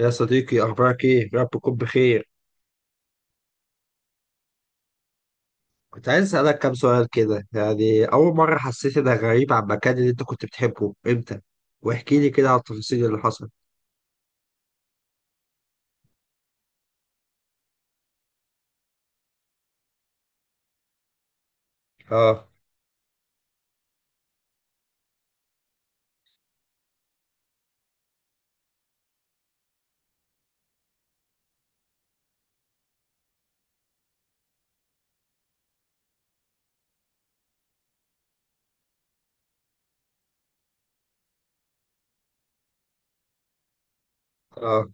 يا صديقي، أخبارك إيه؟ يا رب تكون بخير. كنت عايز أسألك كام سؤال كده، يعني أول مرة حسيت إنك غريب عن المكان اللي أنت كنت بتحبه، إمتى؟ واحكي لي كده على التفاصيل اللي حصلت. آه. آه.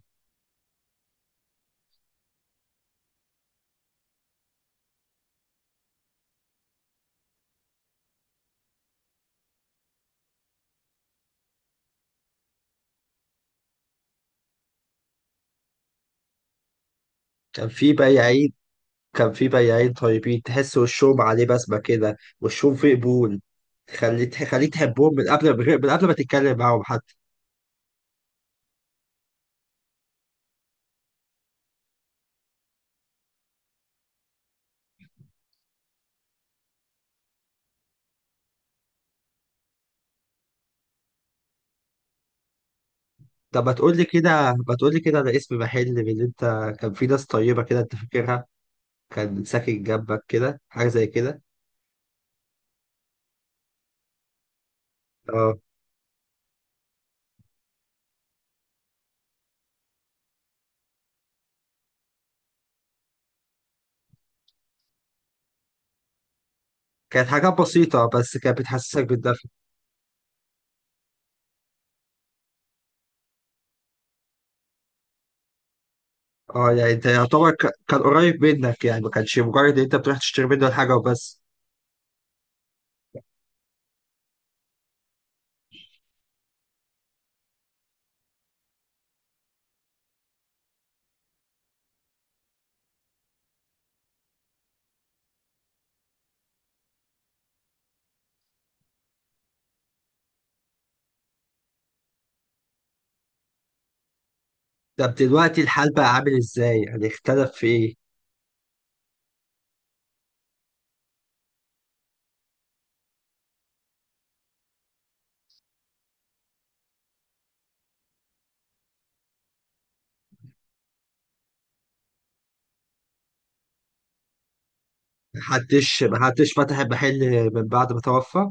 كان في بياعين كان في بياعين طيبين، تحس وشهم عليه بسمة كده، وشهم فيه قبول، تخليك تحبهم من قبل ما تتكلم معاهم حتى. طب ما تقول لي كده على اسم محل من اللي أنت كان في ناس طيبة كده أنت فاكرها؟ كان ساكن جنبك كده، حاجة زي كده. كانت حاجات بسيطة بس كانت بتحسسك بالدفء. اه، يعني انت يعتبر كان قريب منك، يعني ما كانش مجرد ان انت بتروح تشتري منه الحاجة وبس. طب دلوقتي الحال بقى عامل ازاي؟ يعني اختلف في ايه؟ محدش فتح المحل من بعد ما توفى.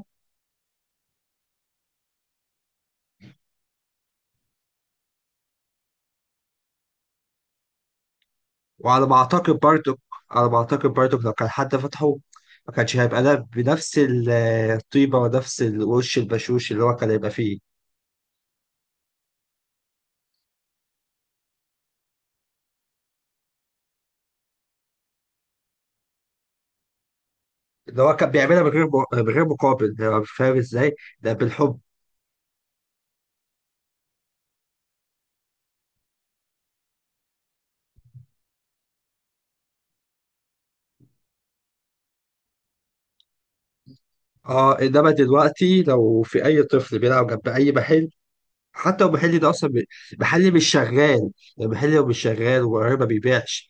وعلى ما اعتقد برضو على ما اعتقد برضو لو كان حد فتحه، ما كانش هيبقى ده بنفس الطيبة ونفس الوش البشوش اللي هو كان هيبقى فيه. اللي هو كان بيعملها من غير مقابل، يعني فاهم ازاي؟ ده بالحب. اه، انما دلوقتي لو في اي طفل بيلعب جنب اي محل، حتى لو المحل ده اصلا. محل مش شغال. المحل لو مش شغال وقريب ما بيبيعش،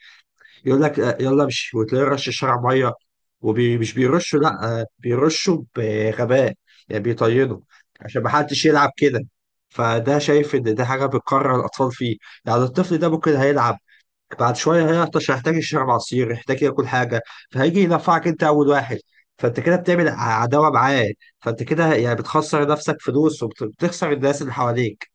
يقول لك آه، يلا امشي، وتلاقيه رش الشارع ميه، ومش بيرشوا، لا آه، بيرشوا بغباء، يعني بيطينوا عشان ما حدش يلعب كده. فده شايف ان ده حاجه بتكرر الاطفال فيه. يعني الطفل ده ممكن هيلعب، بعد شويه هيعطش، هيحتاج يشرب عصير، هيحتاج ياكل حاجه، فهيجي ينفعك انت اول واحد. فانت كده بتعمل عداوه معاه. فانت كده يعني بتخسر نفسك فلوس، وبتخسر الناس اللي حواليك.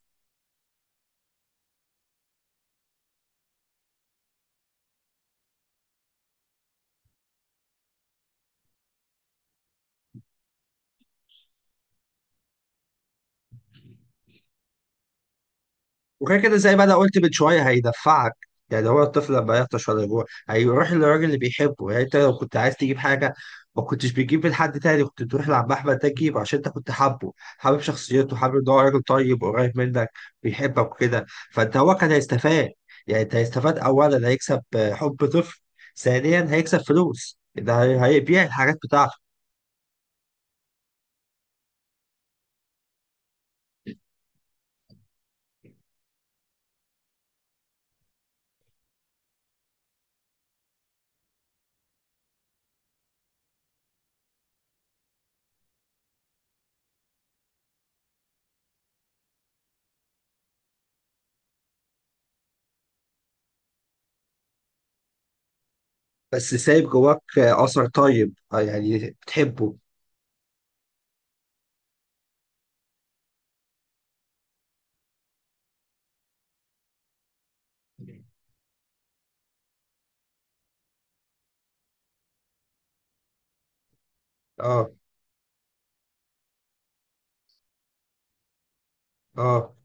وغير كده زي ما انا قلت من شويه، هيدفعك. يعني هو الطفل لما يعطش ولا يجوع، هيروح للراجل اللي بيحبه. يعني انت لو كنت عايز تجيب حاجه، ما كنتش بتجيب من حد تاني، كنت تروح لعم احمد ده تجيب، عشان انت كنت حابب شخصيته، حابب ان هو راجل طيب وقريب منك، بيحبك وكده. هو كان هيستفاد، يعني انت هيستفاد، اولا هيكسب آه، حب طفل، ثانيا هيكسب فلوس، ده هيبيع الحاجات بتاعته. بس سايب جواك آه، اثر طيب آه، يعني بتحبه. اه. اه.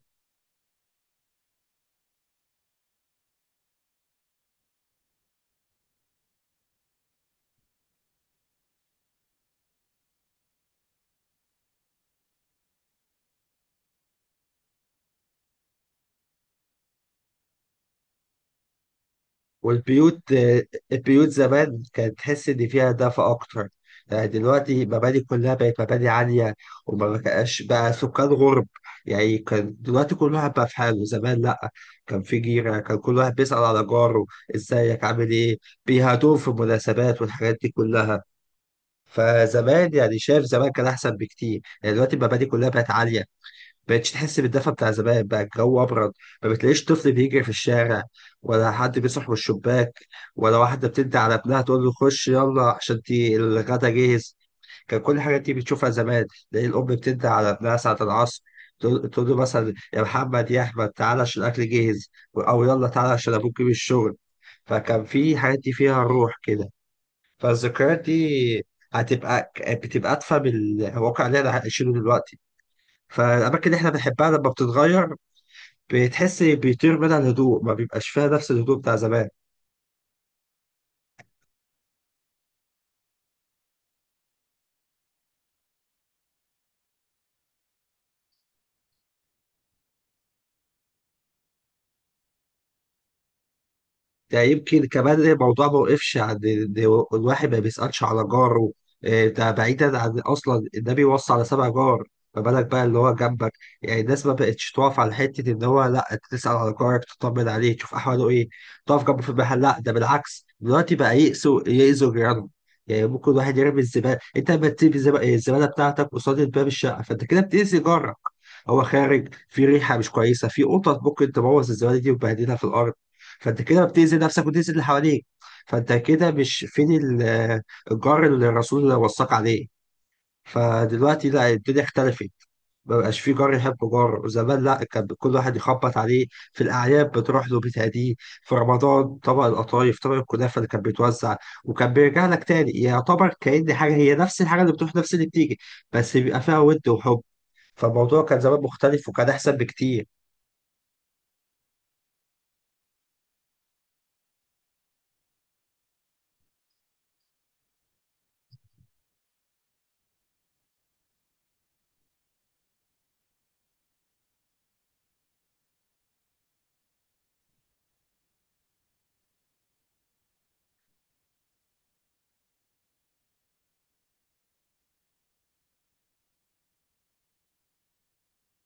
والبيوت آه، البيوت زمان كانت تحس إن فيها دفء أكتر. يعني دلوقتي مباني كلها بقت مباني عالية، وما بقاش بقى سكان غرب. يعني كان دلوقتي كل واحد بقى في حاله، زمان لأ، كان في جيرة، كان كل واحد بيسأل على جاره إزيك عامل إيه، بيهادوه في المناسبات والحاجات دي كلها. فزمان يعني شايف زمان كان أحسن بكتير. يعني دلوقتي المباني كلها بقت عالية، بقتش تحس بالدفى بتاع زمان، بقى الجو ابرد. ما بتلاقيش طفل بيجري في الشارع، ولا حد بيصحى من الشباك، ولا واحده بتدي على ابنها تقول له خش يلا عشان دي الغدا جاهز. كان كل الحاجات دي بتشوفها زمان. تلاقي الام بتدي على ابنها ساعه العصر، تقول له مثلا يا محمد يا احمد تعالى عشان الاكل جاهز، او يلا تعالى عشان ابوك جه من الشغل. فكان في حاجات دي فيها روح كده. فالذكريات دي هتبقى بتبقى ادفى بالواقع اللي احنا عايشينه دلوقتي. فالاماكن اللي احنا بنحبها لما بتتغير، بتحس بيطير منها الهدوء، ما بيبقاش فيها نفس الهدوء بتاع زمان. ده يمكن كمان الموضوع ما وقفش عند إن الواحد ما بيسألش على جاره إيه، ده بعيدا عن أصلا، ده بيوصي على سبع جار، ما بالك بقى اللي هو جنبك. يعني الناس ما بقتش تقف على حتة إن هو، لا أنت تسأل على جارك تطمن عليه تشوف أحواله إيه، تقف جنبه في المحل. لا ده بالعكس، دلوقتي بقى يأذوا جيرانهم. يعني ممكن واحد يرمي الزبالة، أنت لما تسيب الزبالة بتاعتك قصاد باب الشقة، فأنت كده بتأذي جارك. هو خارج في ريحة مش كويسة، في قطط ممكن تبوظ الزبالة دي وتبهدلها في الأرض. فانت كده بتأذي نفسك وتأذي اللي حواليك. فانت كده مش فين الجار اللي الرسول وصاك عليه؟ فدلوقتي لا، الدنيا اختلفت. ما بقاش في جار يحب جار. زمان لا، كان كل واحد يخبط عليه في الاعياد، بتروح له بتهديه، في رمضان طبق القطايف طبق الكنافه اللي كان بيتوزع، وكان بيرجع لك تاني، يعتبر كأن حاجه هي نفس الحاجه، اللي بتروح نفس اللي بتيجي، بس بيبقى فيها ود وحب. فالموضوع كان زمان مختلف، وكان احسن بكتير.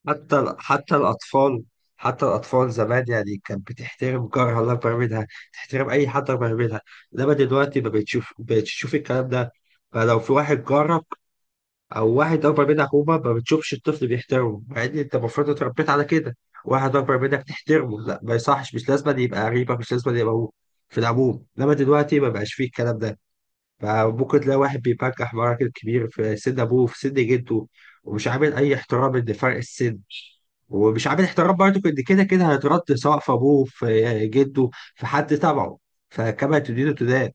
حتى ال- حتى الأطفال حتى الأطفال زمان، يعني كانت بتحترم جارها الله أكبر منها، تحترم أي حد أكبر منها. إنما دلوقتي ما بتشوف الكلام ده. فلو في واحد جارك أو واحد أكبر منك عموما، ما بتشوفش الطفل بيحترمه، مع إن أنت المفروض اتربيت على كده، واحد أكبر منك تحترمه، لا ما يصحش. مش لازم أن يبقى قريبك، مش لازم أن يبقى هو في العموم. إنما دلوقتي ما بقاش فيه الكلام ده. فممكن تلاقي واحد بيبجح مراكز كبير في سن ابوه في سن جده، ومش عامل اي احترام لفرق السن، ومش عامل احترام برضه ان كده كده هيترد، سواء في ابوه في جده في حد تبعه. فكما تدين تدان.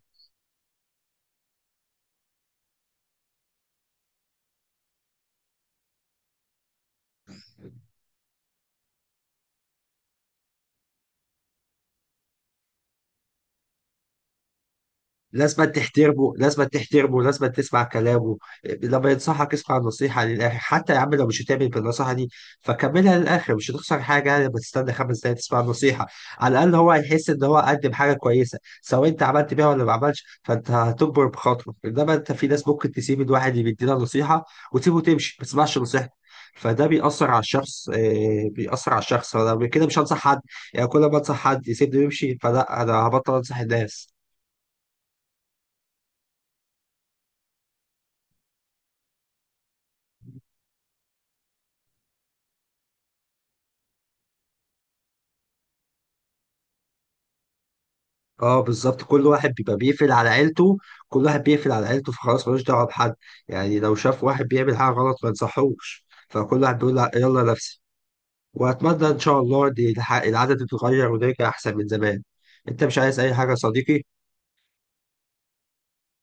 لازم تحترمه، لازم تحترمه، لازم تسمع كلامه. لما ينصحك اسمع النصيحة للآخر، حتى يا عم لو مش هتعمل بالنصيحة دي، فكملها للآخر، مش هتخسر حاجة، يعني لما تستنى 5 دقايق تسمع النصيحة. على الأقل هو هيحس إن هو قدم حاجة كويسة، سواء أنت عملت بيها ولا ما عملتش، فأنت هتكبر بخاطره. إنما أنت في ناس ممكن تسيب الواحد اللي بيدينا نصيحة، وتسيبه تمشي، ما تسمعش نصيحته. فده بيأثر على الشخص، فأنا كده مش هنصح حد. يعني كل ما انصح حد يسيبني ويمشي، فلا انا هبطل انصح الناس. اه بالظبط، كل واحد بيبقى بيقفل على عيلته، فخلاص ملوش دعوه بحد. يعني لو شاف واحد بيعمل حاجه غلط ما ينصحوش، فكل واحد بيقول لأ، يلا نفسي. واتمنى ان شاء الله دي العدد يتغير، ونرجع احسن من زمان. انت مش عايز اي حاجه يا صديقي؟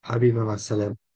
حبيبي مع السلامه.